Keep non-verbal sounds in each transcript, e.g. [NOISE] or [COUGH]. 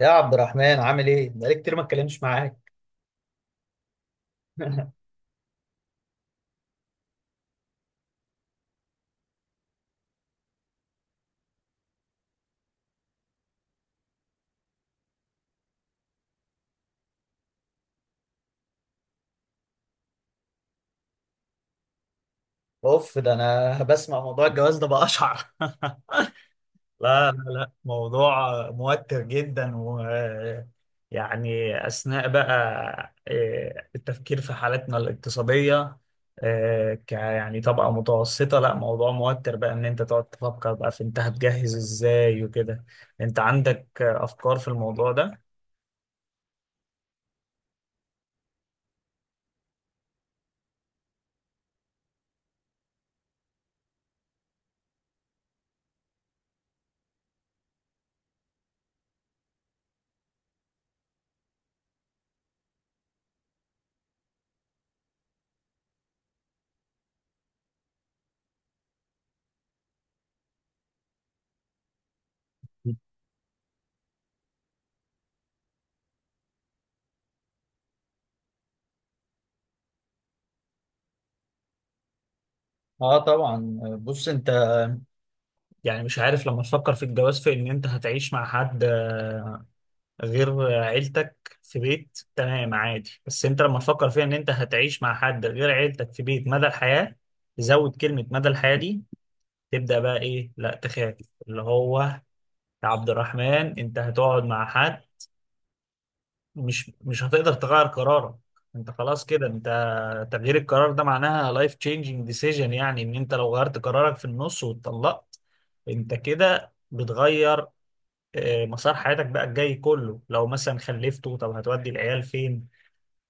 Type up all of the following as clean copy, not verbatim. يا عبد الرحمن، عامل ايه؟ بقالي كتير ما اتكلمتش معاك. [LAUGHS] اوف، ده انا بسمع موضوع الجواز ده بقشعر. [LAUGHS] لا لا لا، موضوع موتر جدا و يعني اثناء بقى التفكير في حالتنا الاقتصادية، آه، ك يعني طبقة متوسطة. لا، موضوع موتر بقى ان انت تقعد تفكر بقى في انت هتجهز ازاي وكده. انت عندك افكار في الموضوع ده؟ اه طبعا، بص انت يعني مش عارف لما تفكر في الجواز في ان انت هتعيش مع حد غير عيلتك في بيت، تمام عادي. بس انت لما تفكر في ان انت هتعيش مع حد غير عيلتك في بيت مدى الحياة، زود كلمة مدى الحياة دي، تبدأ بقى ايه؟ لا، تخاف. اللي هو يا عبد الرحمن، انت هتقعد مع حد، مش هتقدر تغير قرارك، انت خلاص كده. انت تغيير القرار ده معناها life changing decision، يعني ان انت لو غيرت قرارك في النص واتطلقت، انت كده بتغير مسار حياتك بقى الجاي كله. لو مثلا خلفتوا، طب هتودي العيال فين؟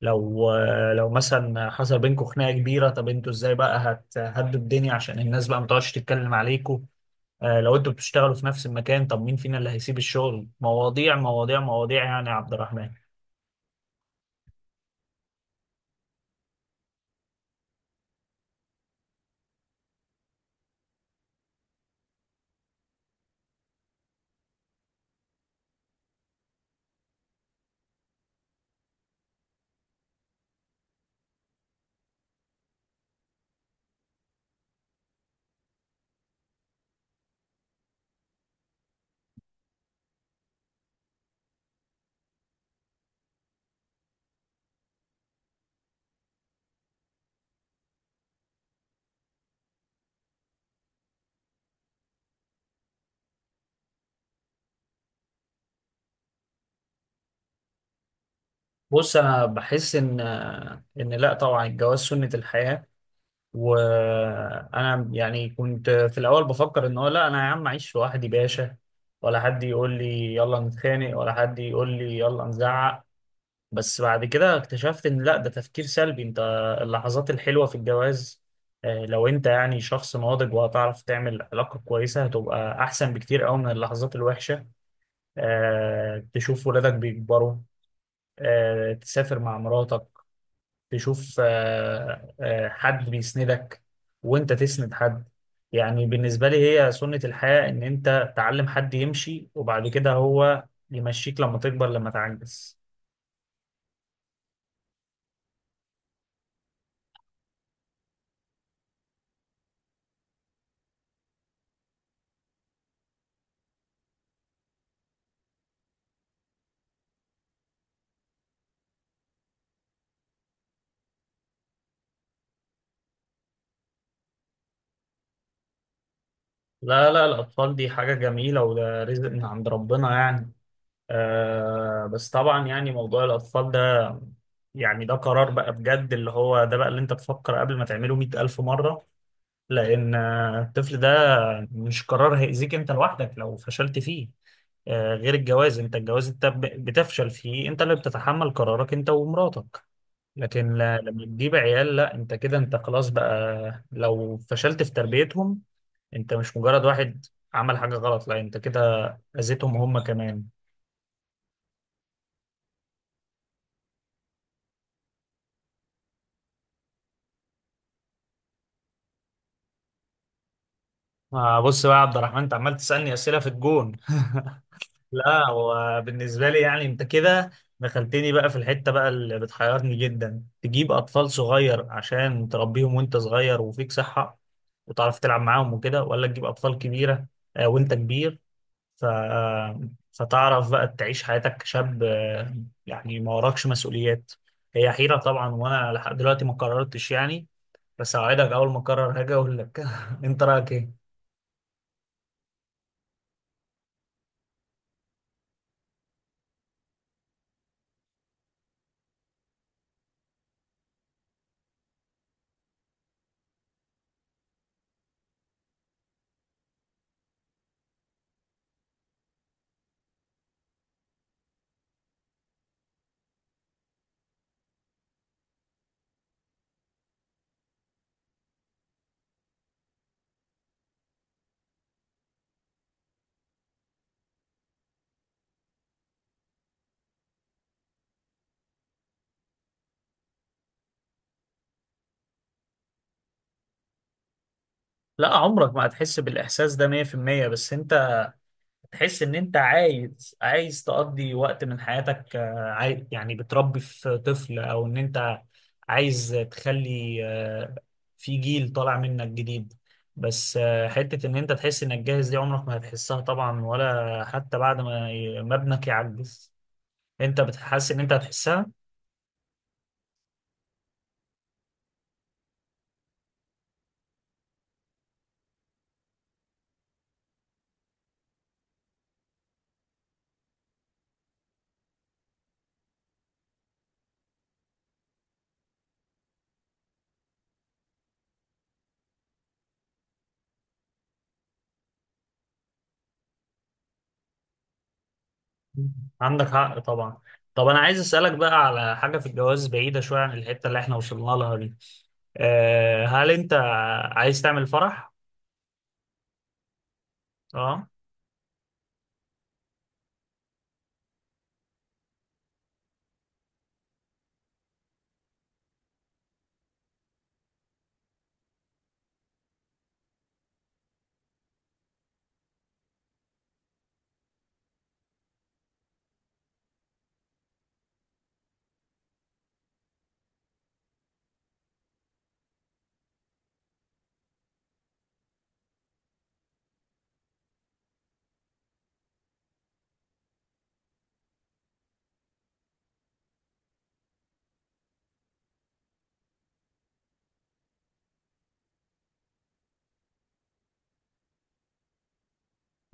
لو مثلا حصل بينكم خناقة كبيرة، طب انتوا ازاي بقى هتهدوا الدنيا عشان الناس بقى ما تقعدش تتكلم عليكم؟ لو انتوا بتشتغلوا في نفس المكان، طب مين فينا اللي هيسيب الشغل؟ مواضيع مواضيع مواضيع يعني يا عبد الرحمن. بص انا بحس ان لا، طبعا الجواز سنة الحياة. وانا يعني كنت في الاول بفكر ان هو لا، انا يا عم اعيش لوحدي باشا، ولا حد يقول لي يلا نتخانق، ولا حد يقول لي يلا نزعق. بس بعد كده اكتشفت ان لا، ده تفكير سلبي. انت اللحظات الحلوة في الجواز، لو انت يعني شخص ناضج وهتعرف تعمل علاقة كويسة، هتبقى احسن بكتير قوي من اللحظات الوحشة. تشوف ولادك بيكبروا، تسافر مع مراتك، تشوف حد بيسندك وانت تسند حد. يعني بالنسبة لي هي سنة الحياة، ان انت تعلم حد يمشي وبعد كده هو يمشيك لما تكبر لما تعجز. لا لا، الأطفال دي حاجة جميلة وده رزق من عند ربنا يعني. بس طبعا، يعني موضوع الأطفال ده، يعني ده قرار بقى بجد، اللي هو ده بقى اللي انت تفكر قبل ما تعمله 100,000 مرة، لأن الطفل ده مش قرار هيأذيك أنت لوحدك لو فشلت فيه. غير الجواز، أنت الجواز أنت بتفشل فيه، أنت اللي بتتحمل قرارك أنت ومراتك. لكن لما تجيب عيال، لا أنت كده، أنت خلاص بقى لو فشلت في تربيتهم، أنت مش مجرد واحد عمل حاجة غلط، لا أنت كده أذيتهم هم كمان. بص بقى يا عبد الرحمن، أنت عمال تسألني أسئلة في الجون. [LAUGHS] لا، هو بالنسبة لي يعني انت كده دخلتني بقى في الحتة بقى اللي بتحيرني جدا: تجيب أطفال صغير عشان تربيهم وانت صغير وفيك صحة وتعرف تلعب معاهم وكده، ولا تجيب أطفال كبيرة وانت كبير، ف... آه، فتعرف بقى تعيش حياتك كشاب، يعني ما وراكش مسؤوليات. هي حيرة طبعا، وانا لحد دلوقتي ما قررتش يعني. بس اوعدك اول ما اقرر هاجي اقول لك. [LAUGHS] انت رأيك ايه؟ لا، عمرك ما هتحس بالإحساس ده 100%، بس انت تحس ان انت عايز تقضي وقت من حياتك، يعني بتربي في طفل، او ان انت عايز تخلي في جيل طالع منك جديد. بس حتة ان انت تحس انك جاهز دي عمرك ما هتحسها طبعا، ولا حتى بعد ما ما ابنك يعجز انت بتحس ان انت هتحسها. عندك حق طبعا. طب انا عايز اسالك بقى على حاجه في الجواز بعيده شويه عن الحته اللي احنا وصلنا لها دي. هل انت عايز تعمل فرح؟ اه،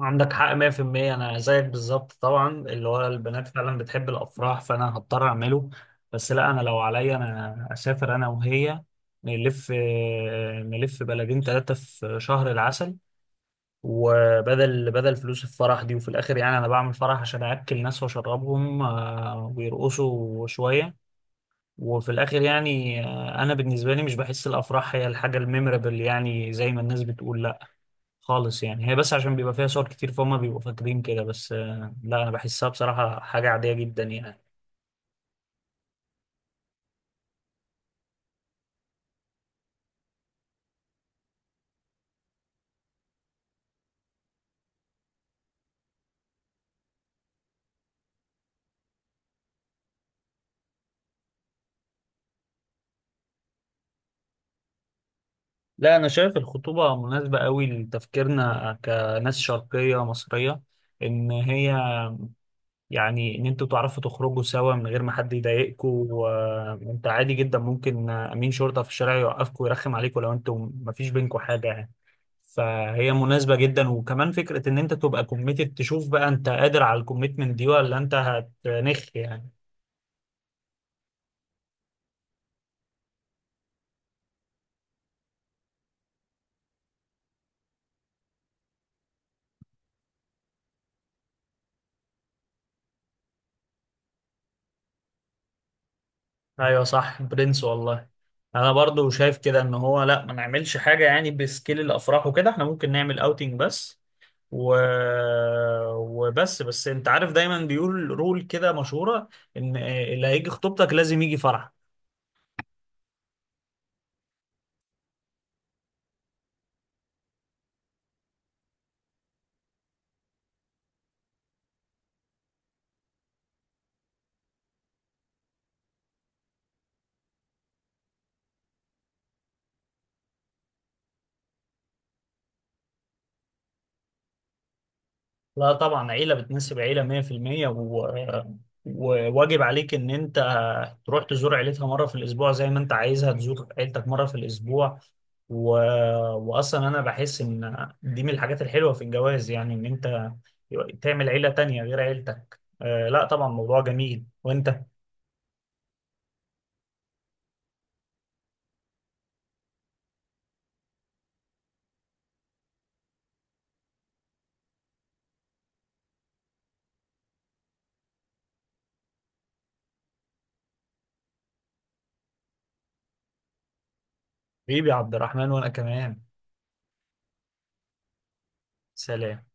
عندك حق 100%. انا زيك بالظبط طبعا، اللي هو البنات فعلا بتحب الافراح فانا هضطر اعمله. بس لا، انا لو عليا انا اسافر انا وهي، نلف نلف بلدين ثلاثة في شهر العسل، وبدل فلوس الفرح دي. وفي الاخر يعني انا بعمل فرح عشان اكل ناس واشربهم ويرقصوا شوية. وفي الاخر يعني انا بالنسبة لي مش بحس الافراح هي الحاجة الميمورable، يعني زي ما الناس بتقول خالص. يعني هي بس عشان بيبقى فيها صور كتير فهم بيبقوا فاكرين كده بس. لا انا بحسها بصراحة حاجة عادية جدا يعني. لا، انا شايف الخطوبة مناسبة قوي لتفكيرنا كناس شرقية مصرية، ان هي يعني ان انتوا تعرفوا تخرجوا سوا من غير ما حد يضايقكم. وانت عادي جدا ممكن امين شرطة في الشارع يوقفكم ويرخم عليكم لو انتوا مفيش بينكم حاجة يعني. فهي مناسبة جدا، وكمان فكرة ان انت تبقى كوميتد، تشوف بقى انت قادر على الكوميتمنت دي ولا انت هتنخ يعني. ايوه صح برنس والله. انا برضو شايف كده، ان هو لا ما نعملش حاجه يعني بسكيل الافراح وكده، احنا ممكن نعمل اوتنج بس. و... وبس انت عارف دايما بيقول رول كده مشهوره، ان اللي هيجي خطوبتك لازم يجي فرح. لا طبعا، عيلة بتناسب عيلة 100%. وواجب عليك ان انت تروح تزور عيلتها مرة في الاسبوع زي ما انت عايزها تزور عيلتك مرة في الاسبوع. و... واصلا انا بحس ان دي من الحاجات الحلوة في الجواز، يعني ان انت تعمل عيلة تانية غير عيلتك. لا طبعا، موضوع جميل. وانت حبيبي عبد الرحمن وانا كمان. سلام.